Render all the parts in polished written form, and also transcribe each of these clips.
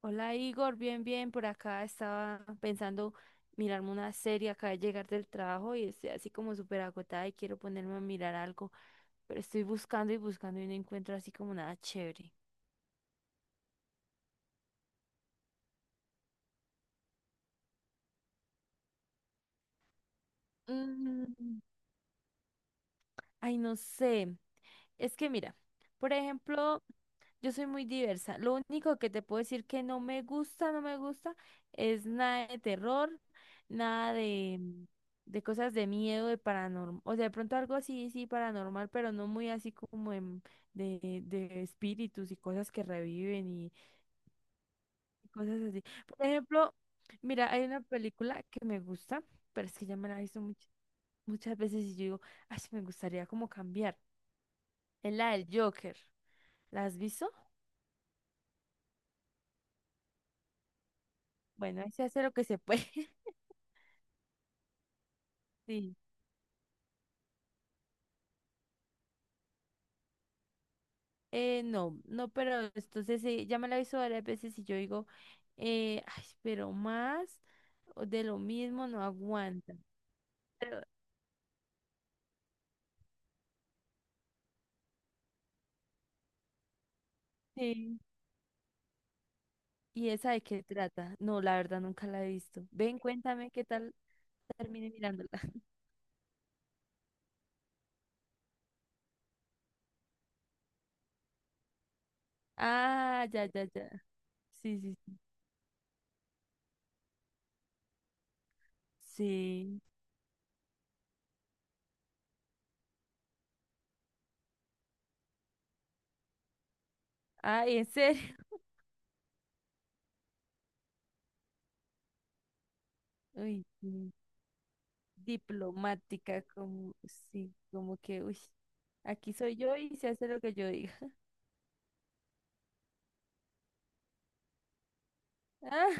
Hola Igor, bien, bien, por acá estaba pensando mirarme una serie, acá de llegar del trabajo y estoy así como súper agotada y quiero ponerme a mirar algo, pero estoy buscando y buscando y no encuentro así como nada chévere. Mm, Ay, no sé. Es que mira, por ejemplo, yo soy muy diversa. Lo único que te puedo decir que no me gusta, es nada de terror, nada de cosas de miedo, de paranormal. O sea, de pronto algo así, sí, paranormal, pero no muy así como de espíritus y cosas que reviven y cosas así. Por ejemplo, mira, hay una película que me gusta, pero es que ya me la he visto muchas veces y yo digo, ay, sí me gustaría como cambiar. Es la del Joker. ¿La has visto? Bueno, ahí se hace lo que se puede. Sí. No, no, pero entonces ya me la hizo varias veces y yo digo, ay, pero más o de lo mismo no aguanta. Pero, sí. ¿Y esa de qué trata? No, la verdad nunca la he visto. Ven, cuéntame qué tal termine mirándola. Ah, ya, ya, ya. Sí, sí, sí. Sí. Ay, en serio. Uy, sí. Diplomática, como, sí, como que, uy, aquí soy yo y se hace lo que yo diga. Ah.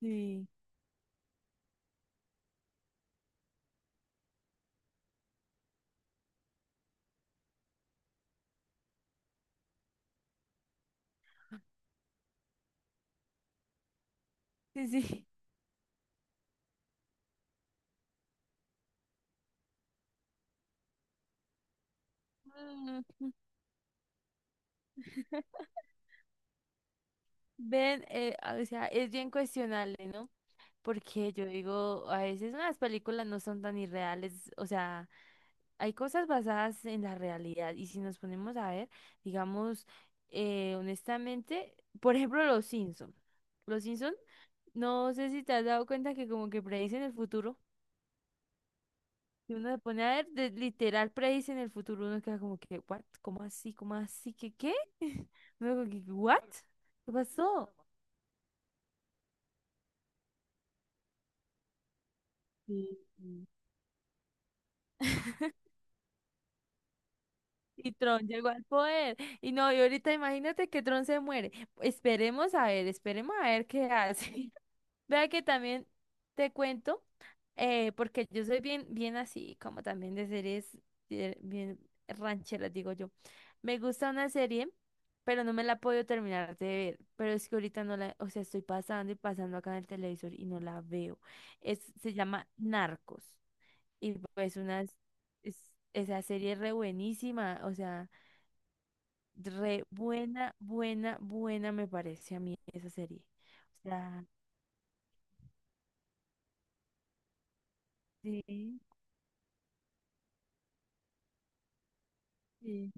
Sí, sí, sí. Mm. Ven, o sea, es bien cuestionable, ¿no? Porque yo digo, a veces las películas no son tan irreales, o sea, hay cosas basadas en la realidad y si nos ponemos a ver, digamos, honestamente, por ejemplo, Los Simpson. Los Simpson, no sé si te has dado cuenta que como que predicen el futuro. Y uno se pone a ver, literal, predice en el futuro, uno queda como que, ¿what? ¿Cómo así? ¿Cómo así? ¿Qué qué? Uno como que, ¿what? ¿Qué pasó? Sí, sí. Y Tron llegó al poder. Y no, y ahorita imagínate que Tron se muere. Esperemos a ver qué hace. Vea que también te cuento, porque yo soy bien, bien así, como también de series bien rancheras, digo yo. Me gusta una serie, pero no me la puedo terminar de ver. Pero es que ahorita no la, o sea, estoy pasando y pasando acá en el televisor y no la veo. Es, se llama Narcos. Y pues unas, esa serie es re buenísima, o sea, re buena, buena, buena me parece a mí esa serie. O sea, sí, sí.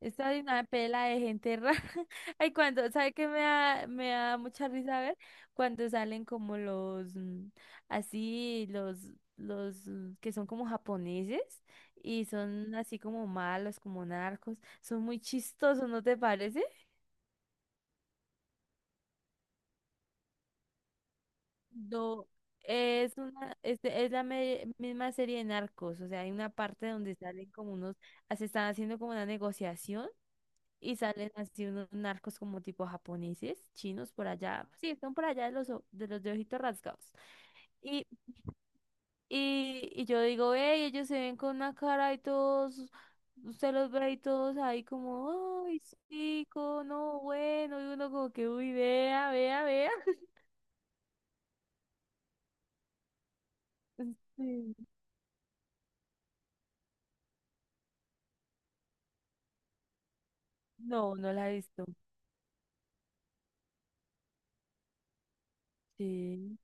Esta es una pela de gente rara. Ay, cuando, ¿sabe qué me da mucha risa ver? Cuando salen como los, así, los que son como japoneses y son así como malos, como narcos. Son muy chistosos, ¿no te parece? No, es una, este, es la misma serie de narcos. O sea, hay una parte donde salen como unos, ah, se están haciendo como una negociación. Y salen así unos narcos como tipo japoneses, chinos por allá. Sí, están por allá de los, de los de ojitos rasgados. Y, y yo digo, hey, ellos se ven con una cara y todos, usted los ve y todos ahí como, ay, chico, no, bueno. Y uno como que, uy, vea, vea, vea. Sí. No, no la he visto. Sí,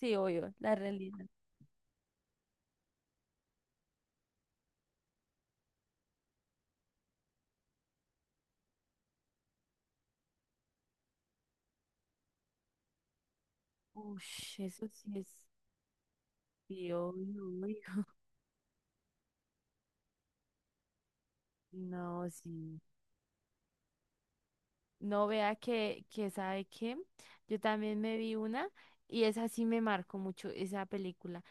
sí, obvio, la realidad. Uy, eso sí es, sí, obvio, obvio. No, sí. No vea que sabe que yo también me vi una y esa sí me marcó mucho, esa película.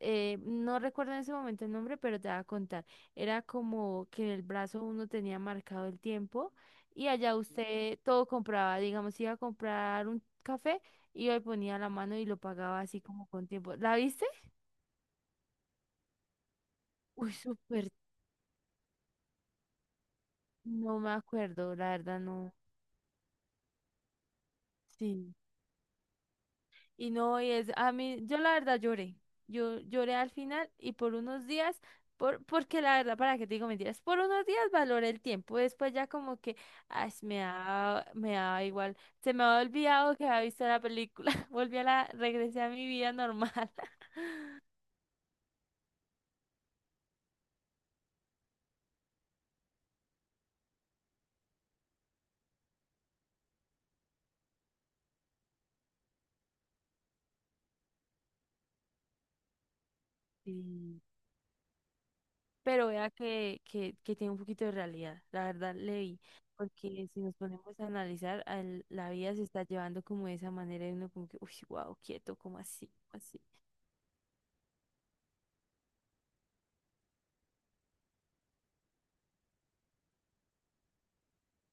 No recuerdo en ese momento el nombre, pero te voy a contar. Era como que en el brazo uno tenía marcado el tiempo y allá usted todo compraba, digamos, iba a comprar un café, iba y ponía la mano y lo pagaba así como con tiempo. ¿La viste? Uy, súper, no me acuerdo, la verdad no. Sí. Y no, y es, a mí, yo la verdad lloré. Yo lloré al final y por unos días, porque la verdad, para qué te digo mentiras, por unos días valoré el tiempo. Después ya como que, ay, me da igual. Se me había olvidado que había visto la película. Volví a la, regresé a mi vida normal. Sí. Pero vea que tiene un poquito de realidad. La verdad, le vi. Porque si nos ponemos a analizar, la vida se está llevando como de esa manera y uno como que, uy, wow, quieto, como así ¿cómo así?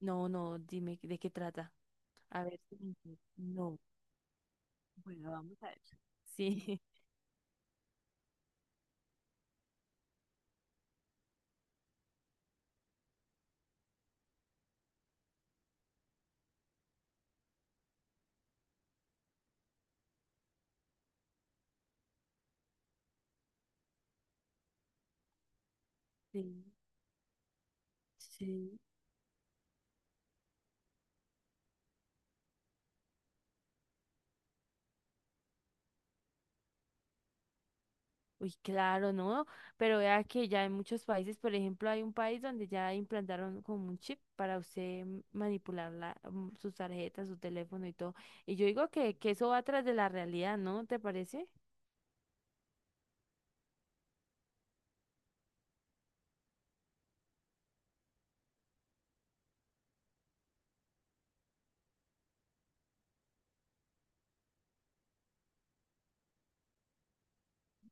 No, no, dime de qué trata. A ver si me entiendo. No. Bueno, vamos a ver. Sí, sí, sí. Uy, claro, ¿no? Pero vea que ya en muchos países, por ejemplo, hay un país donde ya implantaron como un chip para usted manipular la, sus tarjetas, su teléfono y todo. Y yo digo que eso va tras de la realidad, ¿no? ¿Te parece?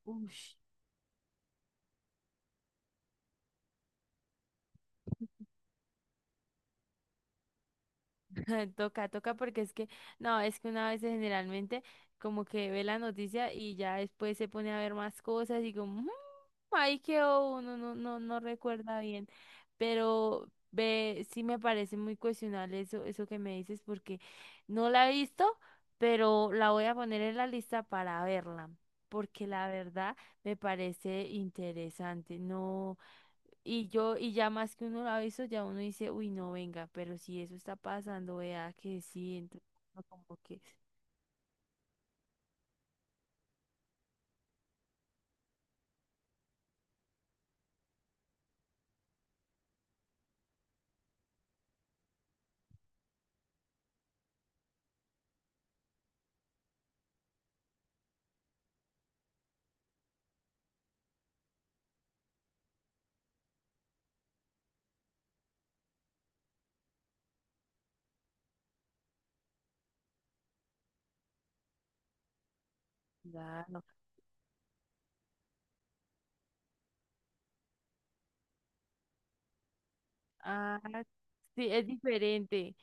Uf. Toca, toca porque es que, no, es que una vez generalmente como que ve la noticia y ya después se pone a ver más cosas y como, "Mm, ahí quedó uno, no recuerda bien". Pero ve, sí me parece muy cuestionable eso, eso que me dices porque no la he visto, pero la voy a poner en la lista para verla, porque la verdad me parece interesante. No. Y yo, y ya más que uno lo ha visto, ya uno dice, uy, no, venga, pero si eso está pasando, vea que sí, entonces uno como que, claro, ah, sí, es diferente,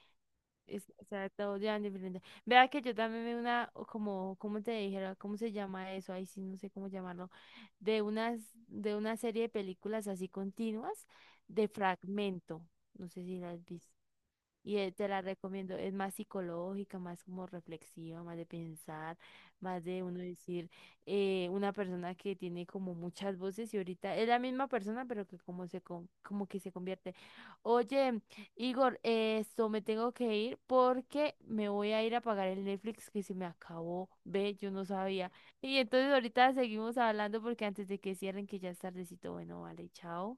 es, o sea, todo ya es diferente. Vea que yo también veo una, o como, ¿cómo te dijera? ¿Cómo se llama eso? Ahí sí, no sé cómo llamarlo, de unas, de una serie de películas así continuas, de fragmento, no sé si las viste. Y te la recomiendo, es más psicológica, más como reflexiva, más de pensar, más de uno decir, una persona que tiene como muchas voces y ahorita es la misma persona, pero que como se como que se convierte. Oye, Igor, esto me tengo que ir porque me voy a ir a pagar el Netflix que se me acabó. Ve, yo no sabía. Y entonces ahorita seguimos hablando porque antes de que cierren, que ya es tardecito, bueno, vale, chao.